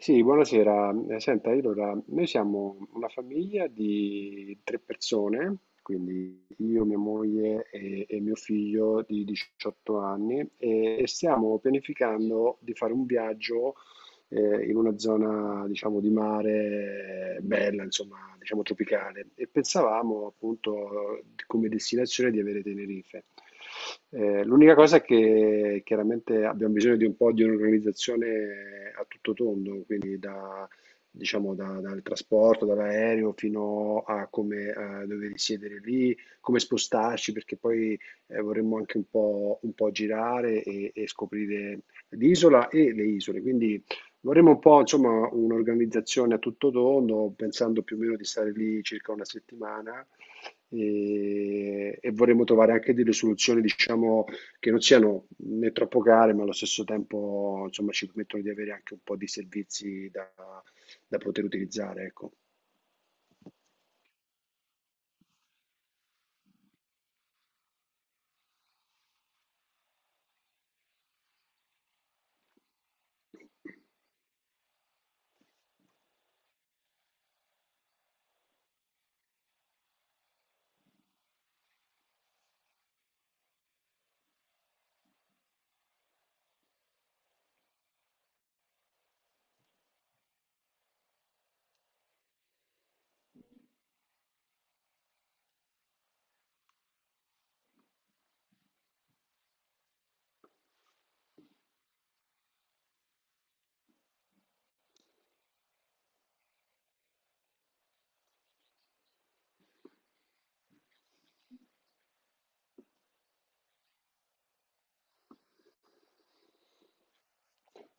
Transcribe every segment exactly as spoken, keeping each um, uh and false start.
Sì, buonasera. Eh, Senta, io allora, noi siamo una famiglia di tre persone, quindi io, mia moglie e, e mio figlio di diciotto anni, e, e stiamo pianificando di fare un viaggio eh, in una zona, diciamo, di mare eh, bella, insomma, diciamo tropicale, e pensavamo appunto come destinazione di avere Tenerife. Eh, l'unica cosa è che chiaramente abbiamo bisogno di un po' di un'organizzazione a tutto tondo, quindi da, diciamo, da- dal trasporto, dall'aereo fino a come eh, dove risiedere lì, come spostarci, perché poi eh, vorremmo anche un po', un po' girare e, e scoprire l'isola e le isole. Quindi vorremmo un po', insomma, un'organizzazione a tutto tondo, pensando più o meno di stare lì circa una settimana e, e vorremmo trovare anche delle soluzioni, diciamo, che non siano né troppo care, ma allo stesso tempo, insomma, ci permettono di avere anche un po' di servizi da, da poter utilizzare, ecco.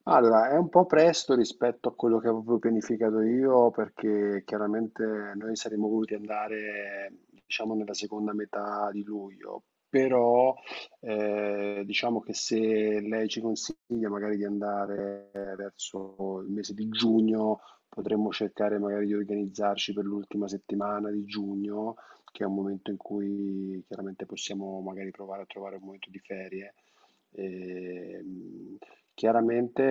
Allora, è un po' presto rispetto a quello che avevo pianificato io, perché chiaramente noi saremmo voluti andare, diciamo, nella seconda metà di luglio, però eh, diciamo che se lei ci consiglia magari di andare eh, verso il mese di giugno, potremmo cercare magari di organizzarci per l'ultima settimana di giugno, che è un momento in cui chiaramente possiamo magari provare a trovare un momento di ferie. Ehm, chiaramente,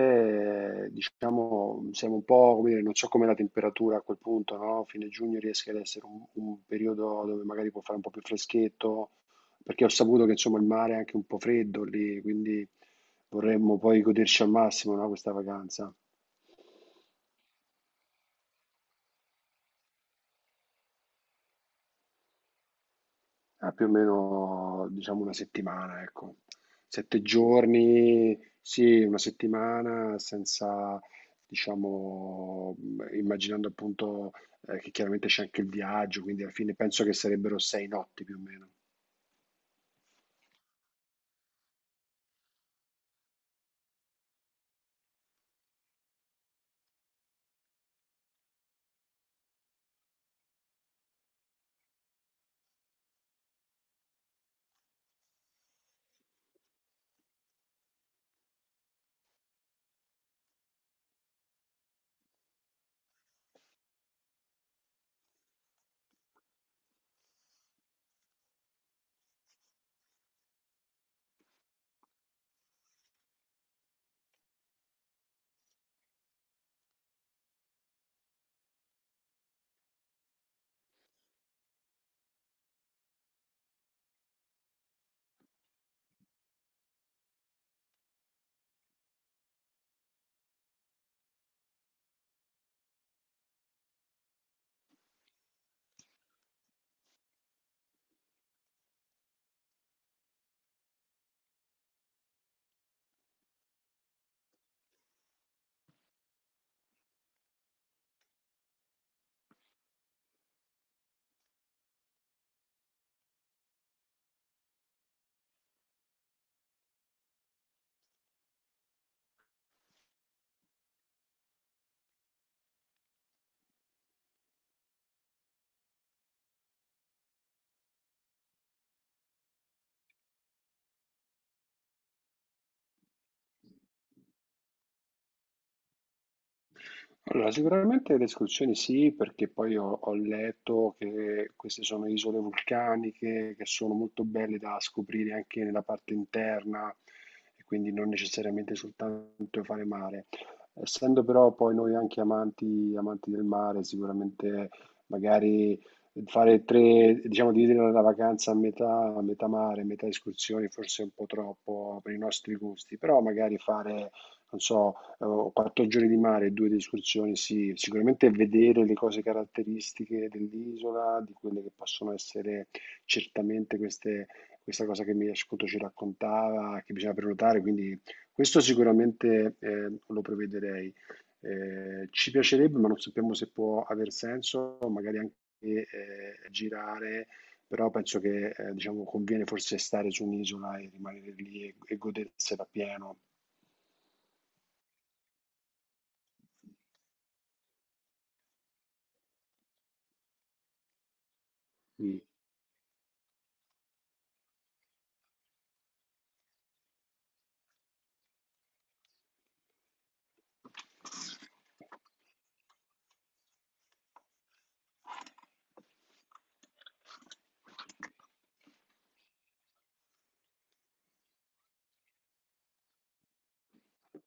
eh, diciamo, siamo un po', come dire, non so com'è la temperatura a quel punto, no? Fine giugno rischia di essere un, un periodo dove magari può fare un po' più freschetto, perché ho saputo che insomma il mare è anche un po' freddo lì, quindi vorremmo poi goderci al massimo, no, questa vacanza. A più o meno diciamo una settimana, ecco. Sette giorni, sì, una settimana senza, diciamo, mh, immaginando appunto eh, che chiaramente c'è anche il viaggio, quindi alla fine penso che sarebbero sei notti più o meno. Allora, sicuramente le escursioni sì, perché poi ho, ho letto che queste sono isole vulcaniche che sono molto belle da scoprire anche nella parte interna e quindi non necessariamente soltanto fare mare. Essendo però poi noi anche amanti, amanti del mare, sicuramente magari fare tre, diciamo dividere la vacanza a metà, a metà mare, metà escursioni, forse è un po' troppo per i nostri gusti, però magari fare non so, avevo quattro giorni di mare e due di escursioni, sì, sicuramente vedere le cose caratteristiche dell'isola, di quelle che possono essere certamente queste, questa cosa che mi ascolto ci raccontava, che bisogna prenotare, quindi questo sicuramente eh, lo prevederei. Eh, ci piacerebbe, ma non sappiamo se può aver senso, magari anche eh, girare, però penso che eh, diciamo, conviene forse stare su un'isola e rimanere lì e, e godersela pieno. Mm. Fu un importante personaggio della politica locale.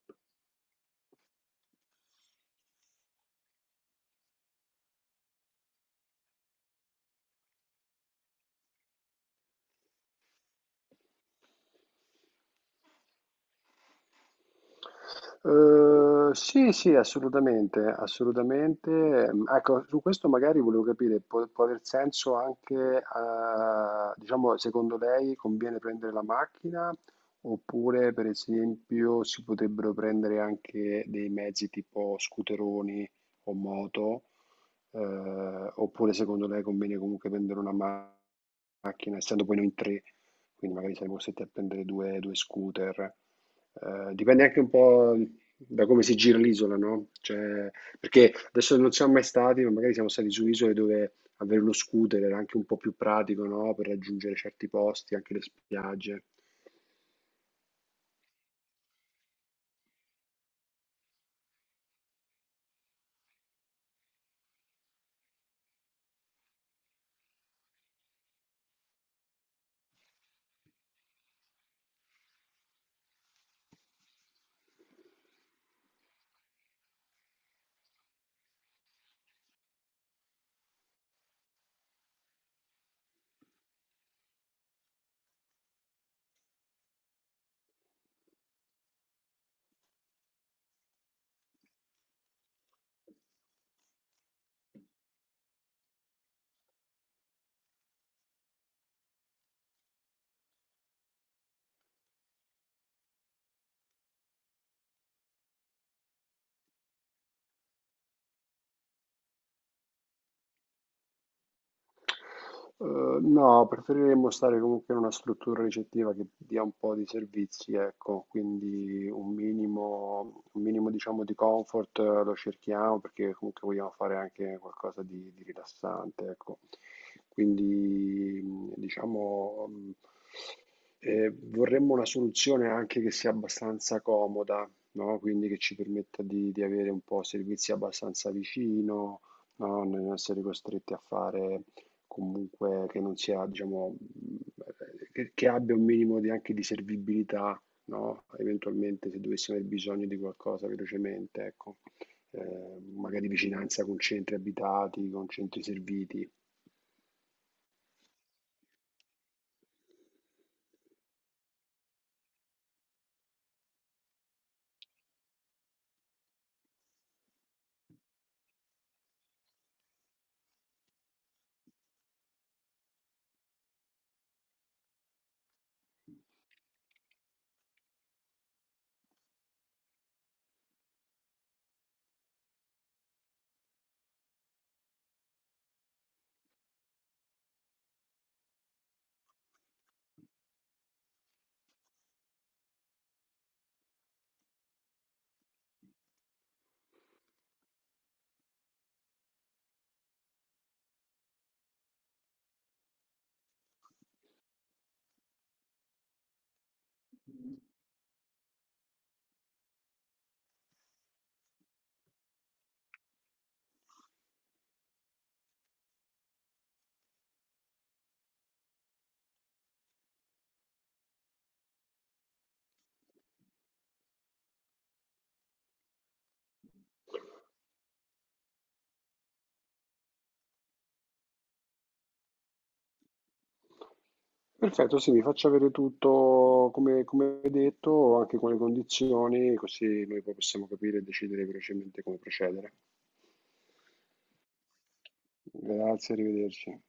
Uhm, sì, sì, assolutamente, assolutamente. Mhmm, ecco, su questo magari volevo capire, può può aver senso anche, uhm, diciamo, secondo lei conviene prendere la macchina, oppure per esempio si potrebbero prendere anche dei mezzi tipo scooteroni o moto, uhm, oppure secondo lei conviene comunque prendere una ma- macchina, essendo poi noi in tre, quindi magari saremo costretti a prendere due scooter? Eh, dipende anche un po' da come si gira l'isola, no? Cioè, perché adesso non siamo mai stati, ma magari siamo stati su isole dove avere uno scooter era anche un po' più pratico, no? Per raggiungere certi posti, anche le spiagge. Uhm, no, preferiremmo stare comunque in una struttura ricettiva che dia un po' di servizi, ecco, quindi un minimo, un minimo diciamo di comfort eh, lo cerchiamo perché comunque vogliamo fare anche qualcosa di, di rilassante, ecco. Quindi mh, diciamo mh, eh, vorremmo una soluzione anche che sia abbastanza comoda, no? Quindi che ci permetta di, di avere un po' servizi abbastanza vicino, no? Non essere costretti a fare comunque che non sia, diciamo, mh, che, che abbia un minimo di, anche di servibilità, no? Eventualmente se dovessimo aver bisogno di qualcosa velocemente, ecco, Eh, magari vicinanza con centri abitati, con centri serviti. Perfetto, sì, mi faccia avere tutto come come detto, anche con le condizioni, così noi poi possiamo capire e decidere velocemente come procedere. Grazie, arrivederci.